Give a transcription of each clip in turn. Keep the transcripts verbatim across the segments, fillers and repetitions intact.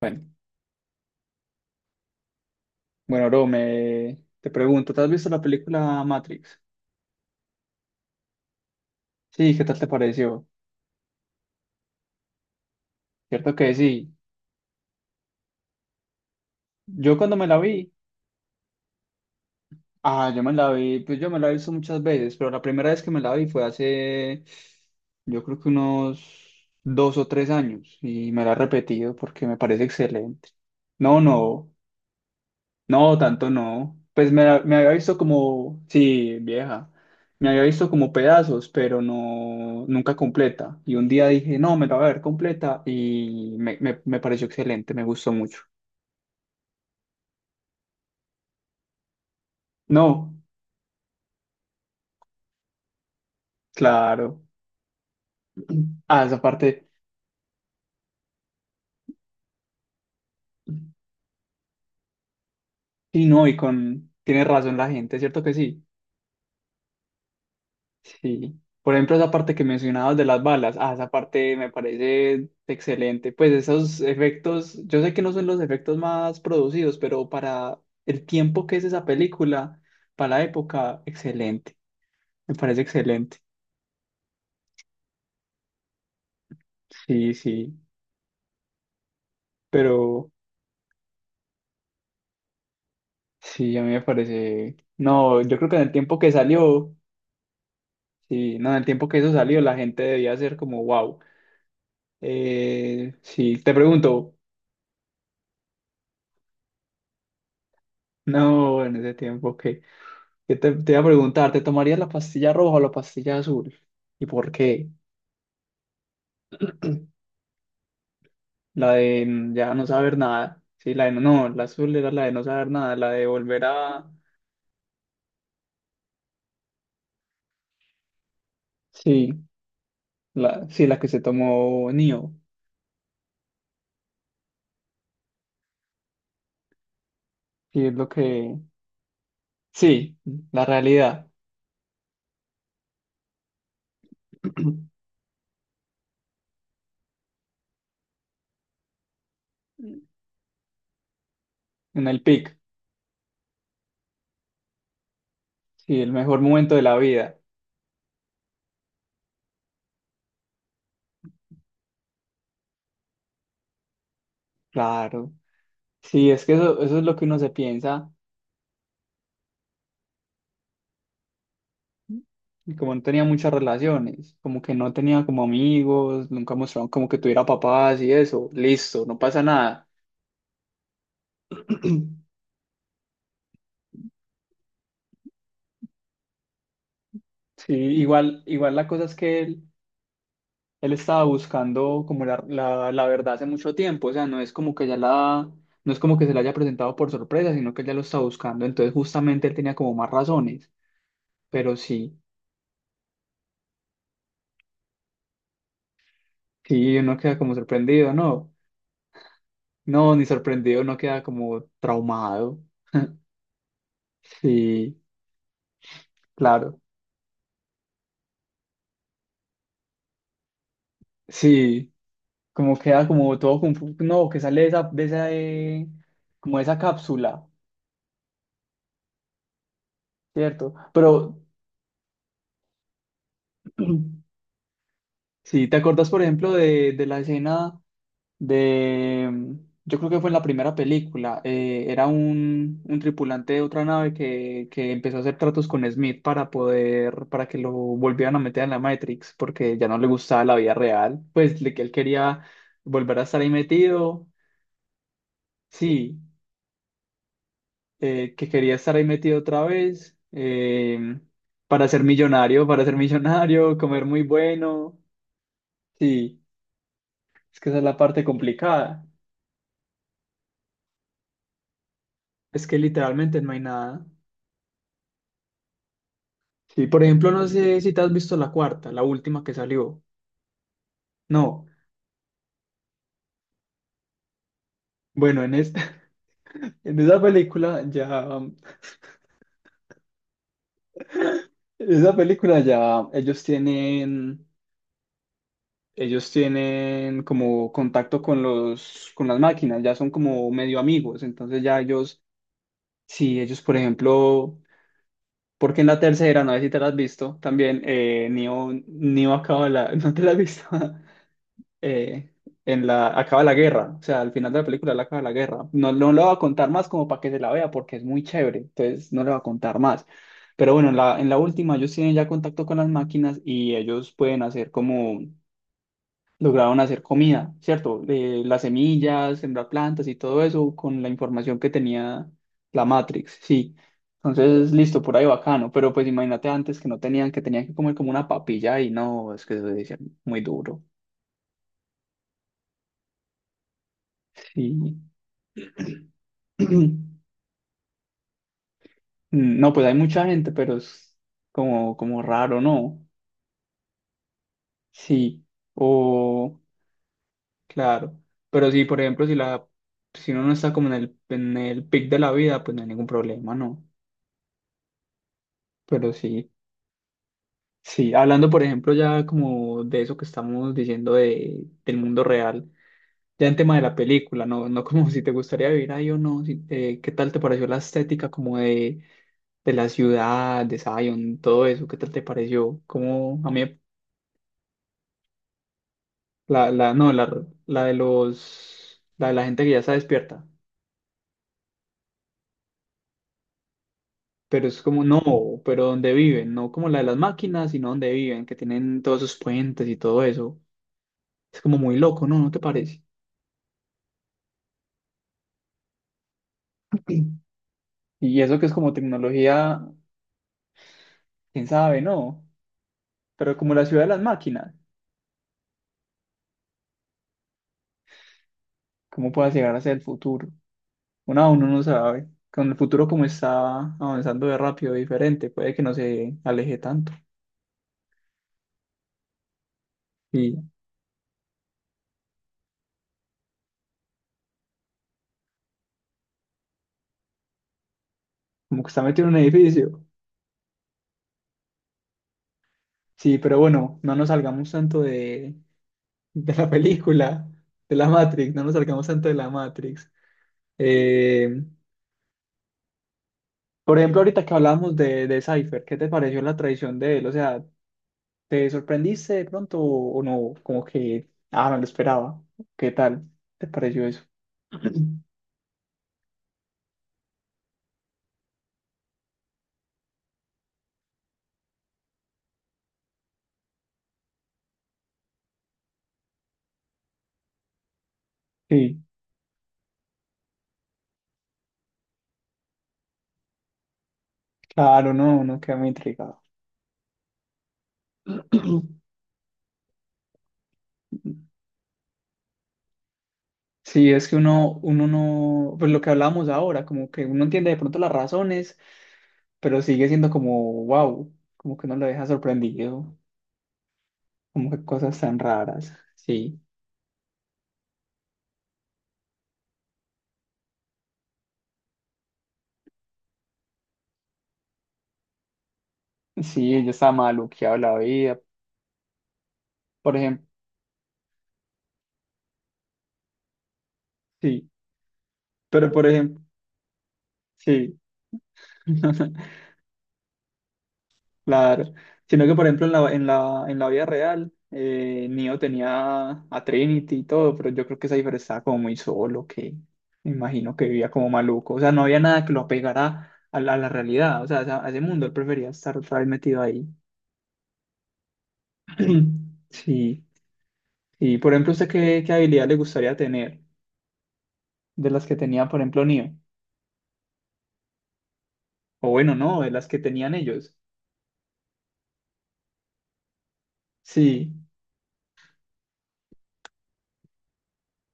Bueno, bueno, bro, me... te pregunto, ¿te has visto la película Matrix? Sí, ¿qué tal te pareció? Cierto que sí. Yo cuando me la vi, ah, yo me la vi, pues yo me la he visto muchas veces, pero la primera vez que me la vi fue hace, yo creo que unos dos o tres años, y me la he repetido porque me parece excelente. No, no. No, tanto no. Pues me, me había visto como, sí, vieja, me había visto como pedazos, pero no, nunca completa. Y un día dije, no, me la voy a ver completa y me, me, me pareció excelente, me gustó mucho. No, claro. Ah, esa parte, sí, no, y con, tiene razón la gente, ¿cierto que sí? Sí. Por ejemplo, esa parte que mencionabas de las balas, ah, esa parte me parece excelente. Pues esos efectos, yo sé que no son los efectos más producidos, pero para el tiempo que es esa película, para la época, excelente. Me parece excelente. Sí, sí. Pero sí, a mí me parece. No, yo creo que en el tiempo que salió, sí, no, en el tiempo que eso salió, la gente debía ser como, wow. Eh, sí, te pregunto, no, en ese tiempo, ok. que te, te iba a preguntar, ¿te tomarías la pastilla roja o la pastilla azul? ¿Y por qué? La de mm, ya no saber nada. Sí, la de no, no, la azul era la de no saber nada, la de volver a... Sí, la, sí, la que se tomó Neo. Sí, es lo que... Sí, la realidad. En el pic. Sí, el mejor momento de la vida. Claro. Sí, es que eso, eso es lo que uno se piensa. Y como no tenía muchas relaciones, como que no tenía como amigos, nunca mostraban como que tuviera papás y eso, listo, no pasa nada. Sí, igual, igual la cosa es que él, él estaba buscando como la, la, la verdad hace mucho tiempo, o sea, no es como que ya la, no es como que se la haya presentado por sorpresa, sino que él ya lo estaba buscando, entonces justamente él tenía como más razones, pero sí, sí, uno queda como sorprendido, no, no, ni sorprendido, uno queda como traumado, sí, claro, sí. Como queda como todo confuso, no, que sale de esa, de esa, eh, como de esa cápsula, ¿cierto? Pero si te acordás, por ejemplo, de, de la escena de, mm, yo creo que fue en la primera película, eh, era un, un tripulante de otra nave que, que empezó a hacer tratos con Smith para poder, para que lo volvieran a meter en la Matrix, porque ya no le gustaba la vida real, pues le- que él quería volver a estar ahí metido. Sí, eh, que quería estar ahí metido otra vez, eh, para ser millonario, para ser millonario, comer muy bueno. Sí, es que esa es la parte complicada. Es que literalmente no hay nada. Sí, por ejemplo, no sé si te has visto la cuarta, la última que salió. No. Bueno, en esta, en esa película ya, en esa película ya ellos tienen, ellos tienen como contacto con los, con las máquinas, ya son como medio amigos, entonces ya ellos, si ellos, por ejemplo, porque en la tercera, no sé si te la has visto, también eh, Neo, Neo acaba la... ¿No te la has visto? Eh, en la... Acaba la guerra. O sea, al final de la película él acaba la guerra. No, no lo voy a contar más como para que se la vea porque es muy chévere. Entonces no le voy a contar más. Pero bueno, en la, en la última ellos tienen ya contacto con las máquinas y ellos pueden hacer como lograron hacer comida, ¿cierto? Eh, las semillas, sembrar plantas y todo eso con la información que tenía la Matrix, sí. Entonces, listo, por ahí bacano, pero pues imagínate antes que no tenían, que tenían que comer como una papilla y no, es que eso debe ser muy duro, sí. Mm, No, pues hay mucha gente, pero es como, como raro, ¿no? Sí, o claro, pero sí, por ejemplo, si la, si uno no está como en el, en el pic de la vida, pues no hay ningún problema, ¿no? Pero sí. Sí, hablando por ejemplo ya como de eso que estamos diciendo de, del mundo real, ya en tema de la película, no, no como si te gustaría vivir ahí o no, si te- ¿qué tal te pareció la estética como de, de la ciudad, de Zion, todo eso? ¿Qué tal te pareció? Como a mí la, la, no, la, la de los, la de la gente que ya está despierta, pero es como no, pero donde viven, no como la de las máquinas, sino donde viven, que tienen todos esos puentes y todo eso. Es como muy loco, ¿no? ¿No te parece? Y eso que es como tecnología, quién sabe, ¿no? Pero como la ciudad de las máquinas, ¿cómo pueda llegar hacia el futuro? Uno aún no sabe. Con el futuro como está avanzando de rápido, diferente, puede que no se aleje tanto. Y como que está metido en un edificio. Sí, pero bueno, no nos salgamos tanto de, de la película, de la Matrix, no nos salgamos tanto de la Matrix. Eh, por ejemplo, ahorita que hablamos de, de Cypher, ¿qué te pareció la traición de él? O sea, ¿te sorprendiste de pronto o, o no? Como que, ah, no lo esperaba. ¿Qué tal? ¿Te pareció eso? Sí, claro, no, uno queda muy intrigado. Sí, es que uno, uno no, pues lo que hablábamos ahora, como que uno entiende de pronto las razones, pero sigue siendo como, wow, como que uno lo deja sorprendido, como que cosas tan raras. Sí, sí, ella estaba maluqueada la vida, por ejemplo, sí, pero por ejemplo, sí. Claro, sino que por ejemplo en la, en la, en la vida real, eh, Neo tenía a Trinity y todo, pero yo creo que Cypher estaba como muy solo, que me imagino que vivía como maluco, o sea, no había nada que lo apegara a la, a la realidad, o sea, a, esa- a ese mundo, él prefería estar otra vez metido ahí. Sí, y por ejemplo, ¿usted qué, qué habilidad le gustaría tener de las que tenía, por ejemplo, Neo? O bueno, no, de las que tenían ellos. Sí,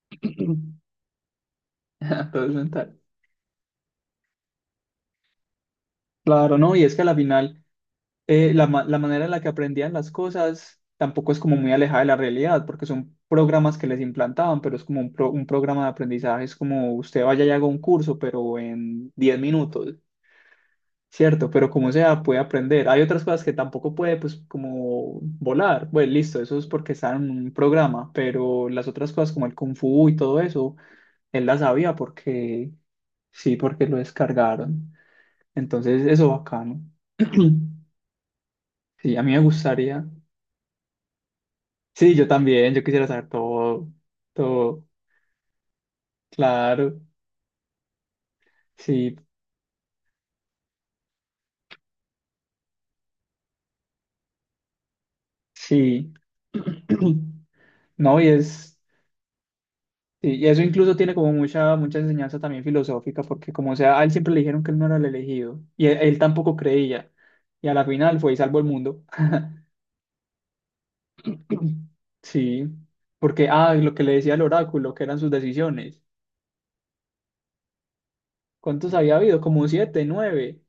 todo es mental. Claro, no, y es que a la final... eh, la, ma- la manera en la que aprendían las cosas tampoco es como muy alejada de la realidad, porque son programas que les implantaban, pero es como un, pro- un programa de aprendizaje, es como usted vaya y haga un curso, pero en diez minutos, ¿cierto? Pero como sea, puede aprender. Hay otras cosas que tampoco puede, pues, como volar. Bueno, listo, eso es porque está en un programa, pero las otras cosas como el Kung Fu y todo eso, él las sabía porque, sí, porque lo descargaron. Entonces, eso bacano. Sí, a mí me gustaría. Sí, yo también, yo quisiera saber todo, todo, claro, sí, sí. No, y es, sí, y eso incluso tiene como mucha, mucha enseñanza también filosófica, porque como sea, a él siempre le dijeron que él no era el elegido, y él, él tampoco creía, y a la final fue y salvó el mundo. Sí, porque, ah, lo que le decía el oráculo, que eran sus decisiones. ¿Cuántos había habido? Como siete, nueve.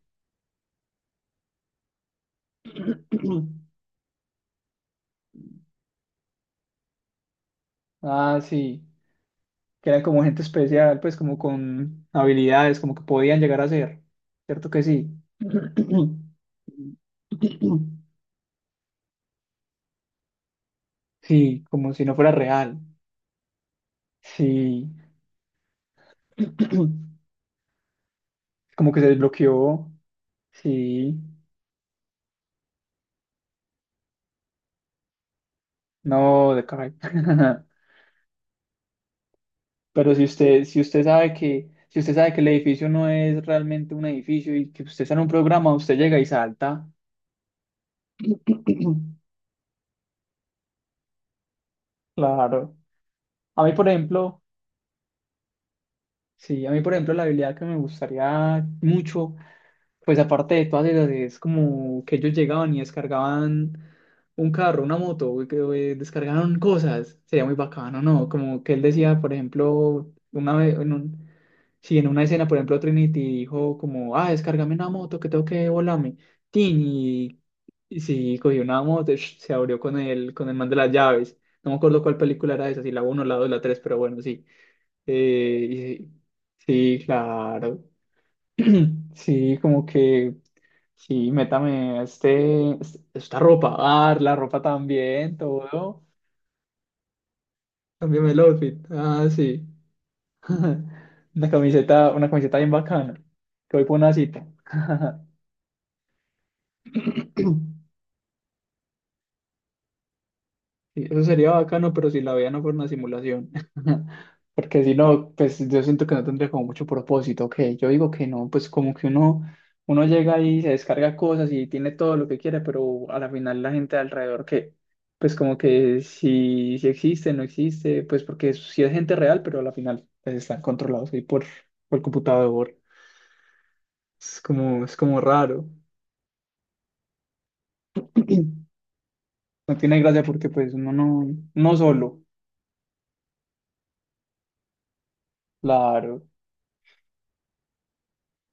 Ah, sí. Que eran como gente especial, pues como con habilidades, como que podían llegar a ser, ¿cierto que sí? Sí, como si no fuera real, sí, como que se desbloqueó, sí, no, de caray. Pero si usted, si usted sabe que, si usted sabe que el edificio no es realmente un edificio y que usted está en un programa, usted llega y salta. Claro. A mí, por ejemplo, sí, a mí, por ejemplo, la habilidad que me gustaría mucho pues aparte de todas esas, es como que ellos llegaban y descargaban un carro, una moto, güey, que eh, descargaron cosas. Sería muy bacano, ¿no? Como que él decía, por ejemplo, una vez, en un, si en una escena, por ejemplo, Trinity dijo como, ah, descárgame una moto que tengo que volarme. Tin, y, y sí, cogió una moto, sh, se abrió con el, con el man de las llaves. No me acuerdo cuál película era esa, si la uno la dos la tres pero bueno, sí. Eh, y sí, sí, claro. Sí, como que... Sí, métame este, este- esta ropa. Ah, la ropa también, todo. Cámbiame el outfit. Ah, sí. Una camiseta, una camiseta bien bacana. Que voy por una cita. Sí, eso sería bacano, pero si la vida no fuera una simulación. Porque si no, pues yo siento que no tendría como mucho propósito. Que yo digo que no, pues como que uno, uno llega y se descarga cosas y tiene todo lo que quiere, pero a la final la gente de alrededor que, pues como que si, si existe, no existe, pues porque si es gente real, pero a la final pues, están controlados ahí por, por el computador. Es como, es como raro. No tiene gracia porque pues uno no, no solo, claro.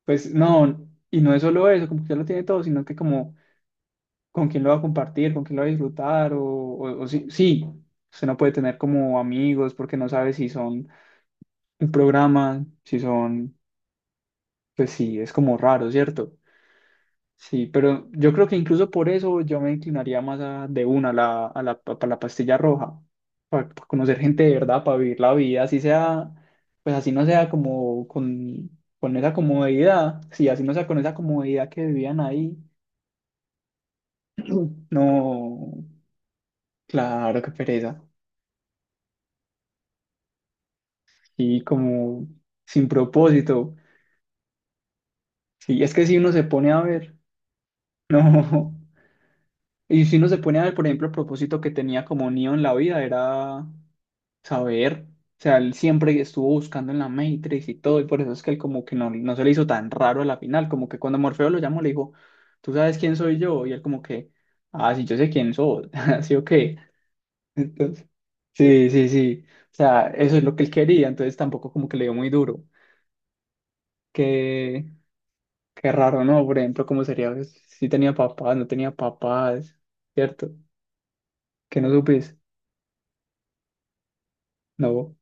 Pues no, y no es solo eso, como que ya lo tiene todo, sino que como con quién lo va a compartir, con quién lo va a disfrutar, o, o, o sí, sí, usted no puede tener como amigos porque no sabe si son un programa, si son, pues sí, es como raro, ¿cierto? Sí, pero yo creo que incluso por eso yo me inclinaría más a- de una a la, a la, pa- pa la pastilla roja, para, conocer gente de verdad, para vivir la vida, así sea, pues así no sea como con, con esa comodidad, sí, así no sea con esa comodidad que vivían ahí. No, claro, qué pereza. Y como sin propósito. Sí, es que si uno se pone a ver, no. Y si uno se pone a ver, por ejemplo, el propósito que tenía como Neo en la vida era saber. O sea, él siempre estuvo buscando en la Matrix y todo, y por eso es que él como que no, no se le hizo tan raro a la final, como que cuando Morfeo lo llamó le dijo, ¿tú sabes quién soy yo? Y él como que, ah, sí, yo sé quién soy, así o qué. Entonces, sí, sí, sí. O sea, eso es lo que él quería, entonces tampoco como que le dio muy duro. Qué, qué raro, ¿no? Por ejemplo, ¿cómo sería si tenía papás, no tenía papás, ¿cierto? ¿Que no supiste? No.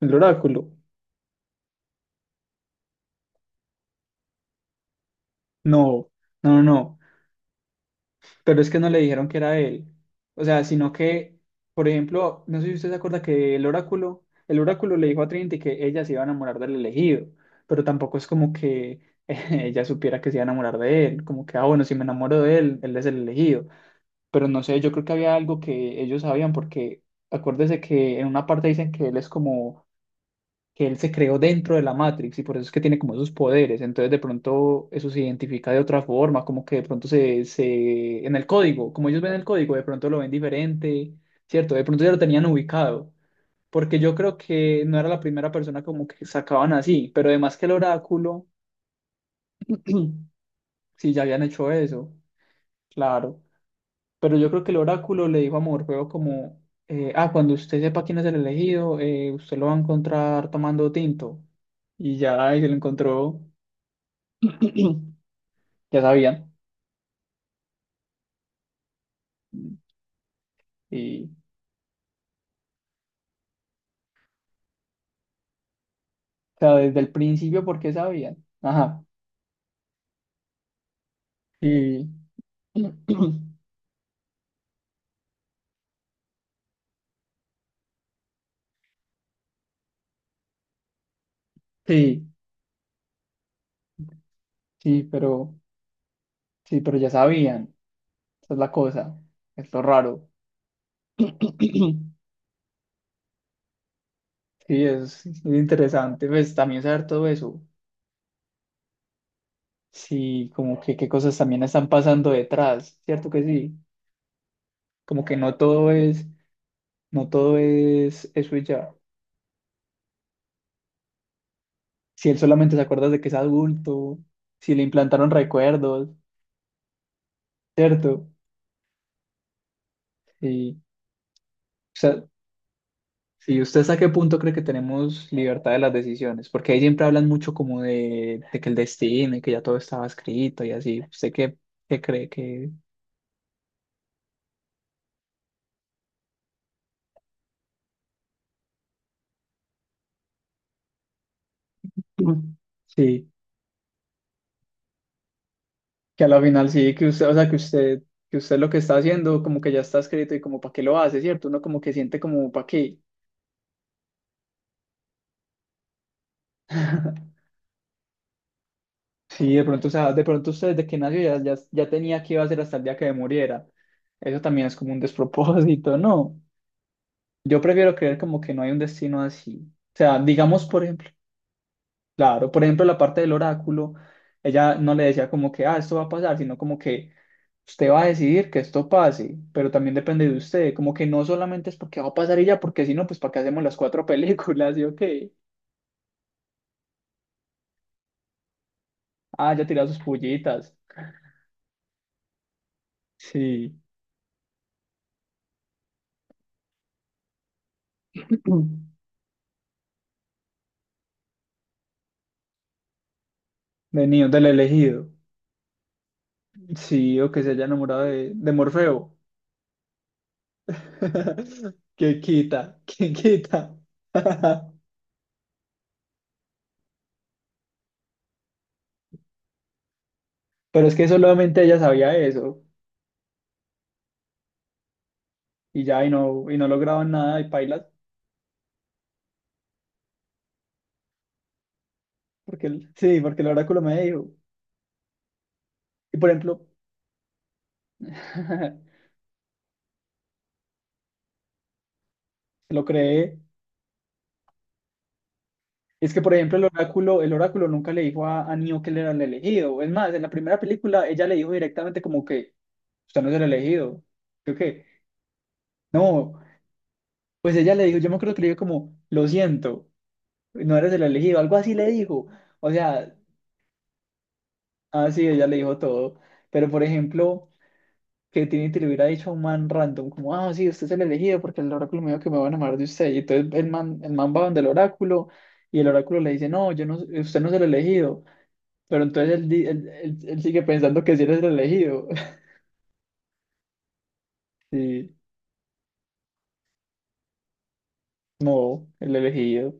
El oráculo. No, no, no. Pero es que no le dijeron que era él. O sea, sino que, por ejemplo, no sé si usted se acuerda que el oráculo, el oráculo le dijo a Trinity que ella se iba a enamorar del elegido, pero tampoco es como que ella supiera que se iba a enamorar de él, como que, ah, bueno, si me enamoro de él, él es el elegido. Pero no sé, yo creo que había algo que ellos sabían, porque acuérdese que en una parte dicen que él es como que él se creó dentro de la Matrix y por eso es que tiene como esos poderes. Entonces de pronto eso se identifica de otra forma, como que de pronto se, se, en el código, como ellos ven el código, de pronto lo ven diferente, ¿cierto? De pronto ya lo tenían ubicado, porque yo creo que no era la primera persona como que sacaban así, pero además que el oráculo, sí, ya habían hecho eso, claro. Pero yo creo que el oráculo le dijo a Morfeo como, eh, ah, cuando usted sepa quién es el elegido, eh, usted lo va a encontrar tomando tinto. Y ya, y se lo encontró. Ya sabían. Y, o sea, desde el principio, ¿por qué sabían? Ajá. Y, sí, sí, pero, sí, pero ya sabían. Esa es la cosa. Es lo raro. Sí, es, es interesante, pues también saber todo eso. Sí, como que qué cosas también están pasando detrás, ¿cierto que sí? Como que no todo es, no todo es eso y ya. Si él solamente se acuerda de que es adulto, si le implantaron recuerdos, ¿cierto? Sí. O sea, sí, ¿usted hasta qué punto cree que tenemos libertad de las decisiones? Porque ahí siempre hablan mucho como de, de que el destino y que ya todo estaba escrito y así. ¿Usted qué, qué cree que Mm. sí? Que a la final sí, que usted, o sea, que usted, que usted lo que está haciendo como que ya está escrito y como para qué lo hace, ¿cierto? Uno como que siente como para qué. Sí, de pronto, o sea, de pronto usted desde que nació ya, ya, ya tenía que iba a ser hasta el día que muriera. Eso también es como un despropósito, ¿no? Yo prefiero creer como que no hay un destino así. O sea, digamos, por ejemplo, claro, por ejemplo, la parte del oráculo, ella no le decía como que, ah, esto va a pasar, sino como que usted va a decidir que esto pase, pero también depende de usted, como que no solamente es porque va a pasar ella, porque si no, pues ¿para qué hacemos las cuatro películas? ¿Y o qué? Ah, ya tirado sus pullitas. Sí. De niño, del elegido. Sí, o que se haya enamorado de, de Morfeo. ¿qué quita? ¿qué quita? Pero es que solamente ella sabía eso y ya, y no, y no lograban nada y pailas, porque el, sí, porque el oráculo me dijo. Y por ejemplo, se lo creé. Es que, por ejemplo, el oráculo, el oráculo nunca le dijo a, a Neo que él era el elegido. Es más, en la primera película ella le dijo directamente como que usted no es el elegido. ¿Yo qué? No, pues ella le dijo, yo me acuerdo que le dijo como, lo siento, no eres el elegido, algo así le dijo. O sea, así ella le dijo todo. Pero, por ejemplo... que Trinity le hubiera dicho a un man random, como, ah, sí, usted es el elegido porque el oráculo me dijo que me va a enamorar de usted. Y entonces el man, el man va donde el oráculo y el oráculo le dice, no, yo no, usted no es el elegido. Pero entonces él, di- él, él- él sigue pensando que sí eres el elegido. sí no, el elegido.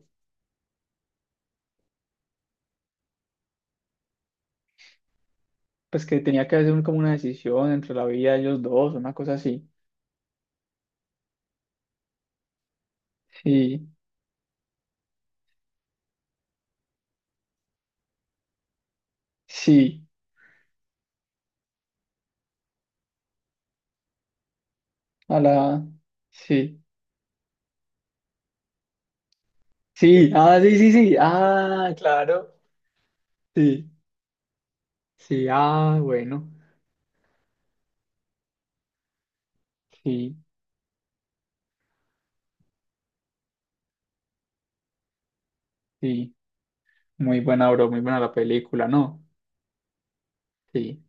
Pues que tenía que hacer un- como una decisión entre la vida de ellos dos, una cosa así. Sí, sí, a la... Sí, sí, ah, sí, sí, sí, ah, claro. Sí, sí, ah, bueno, sí, sí. Muy buena, bro, muy buena la película, ¿no? Sí.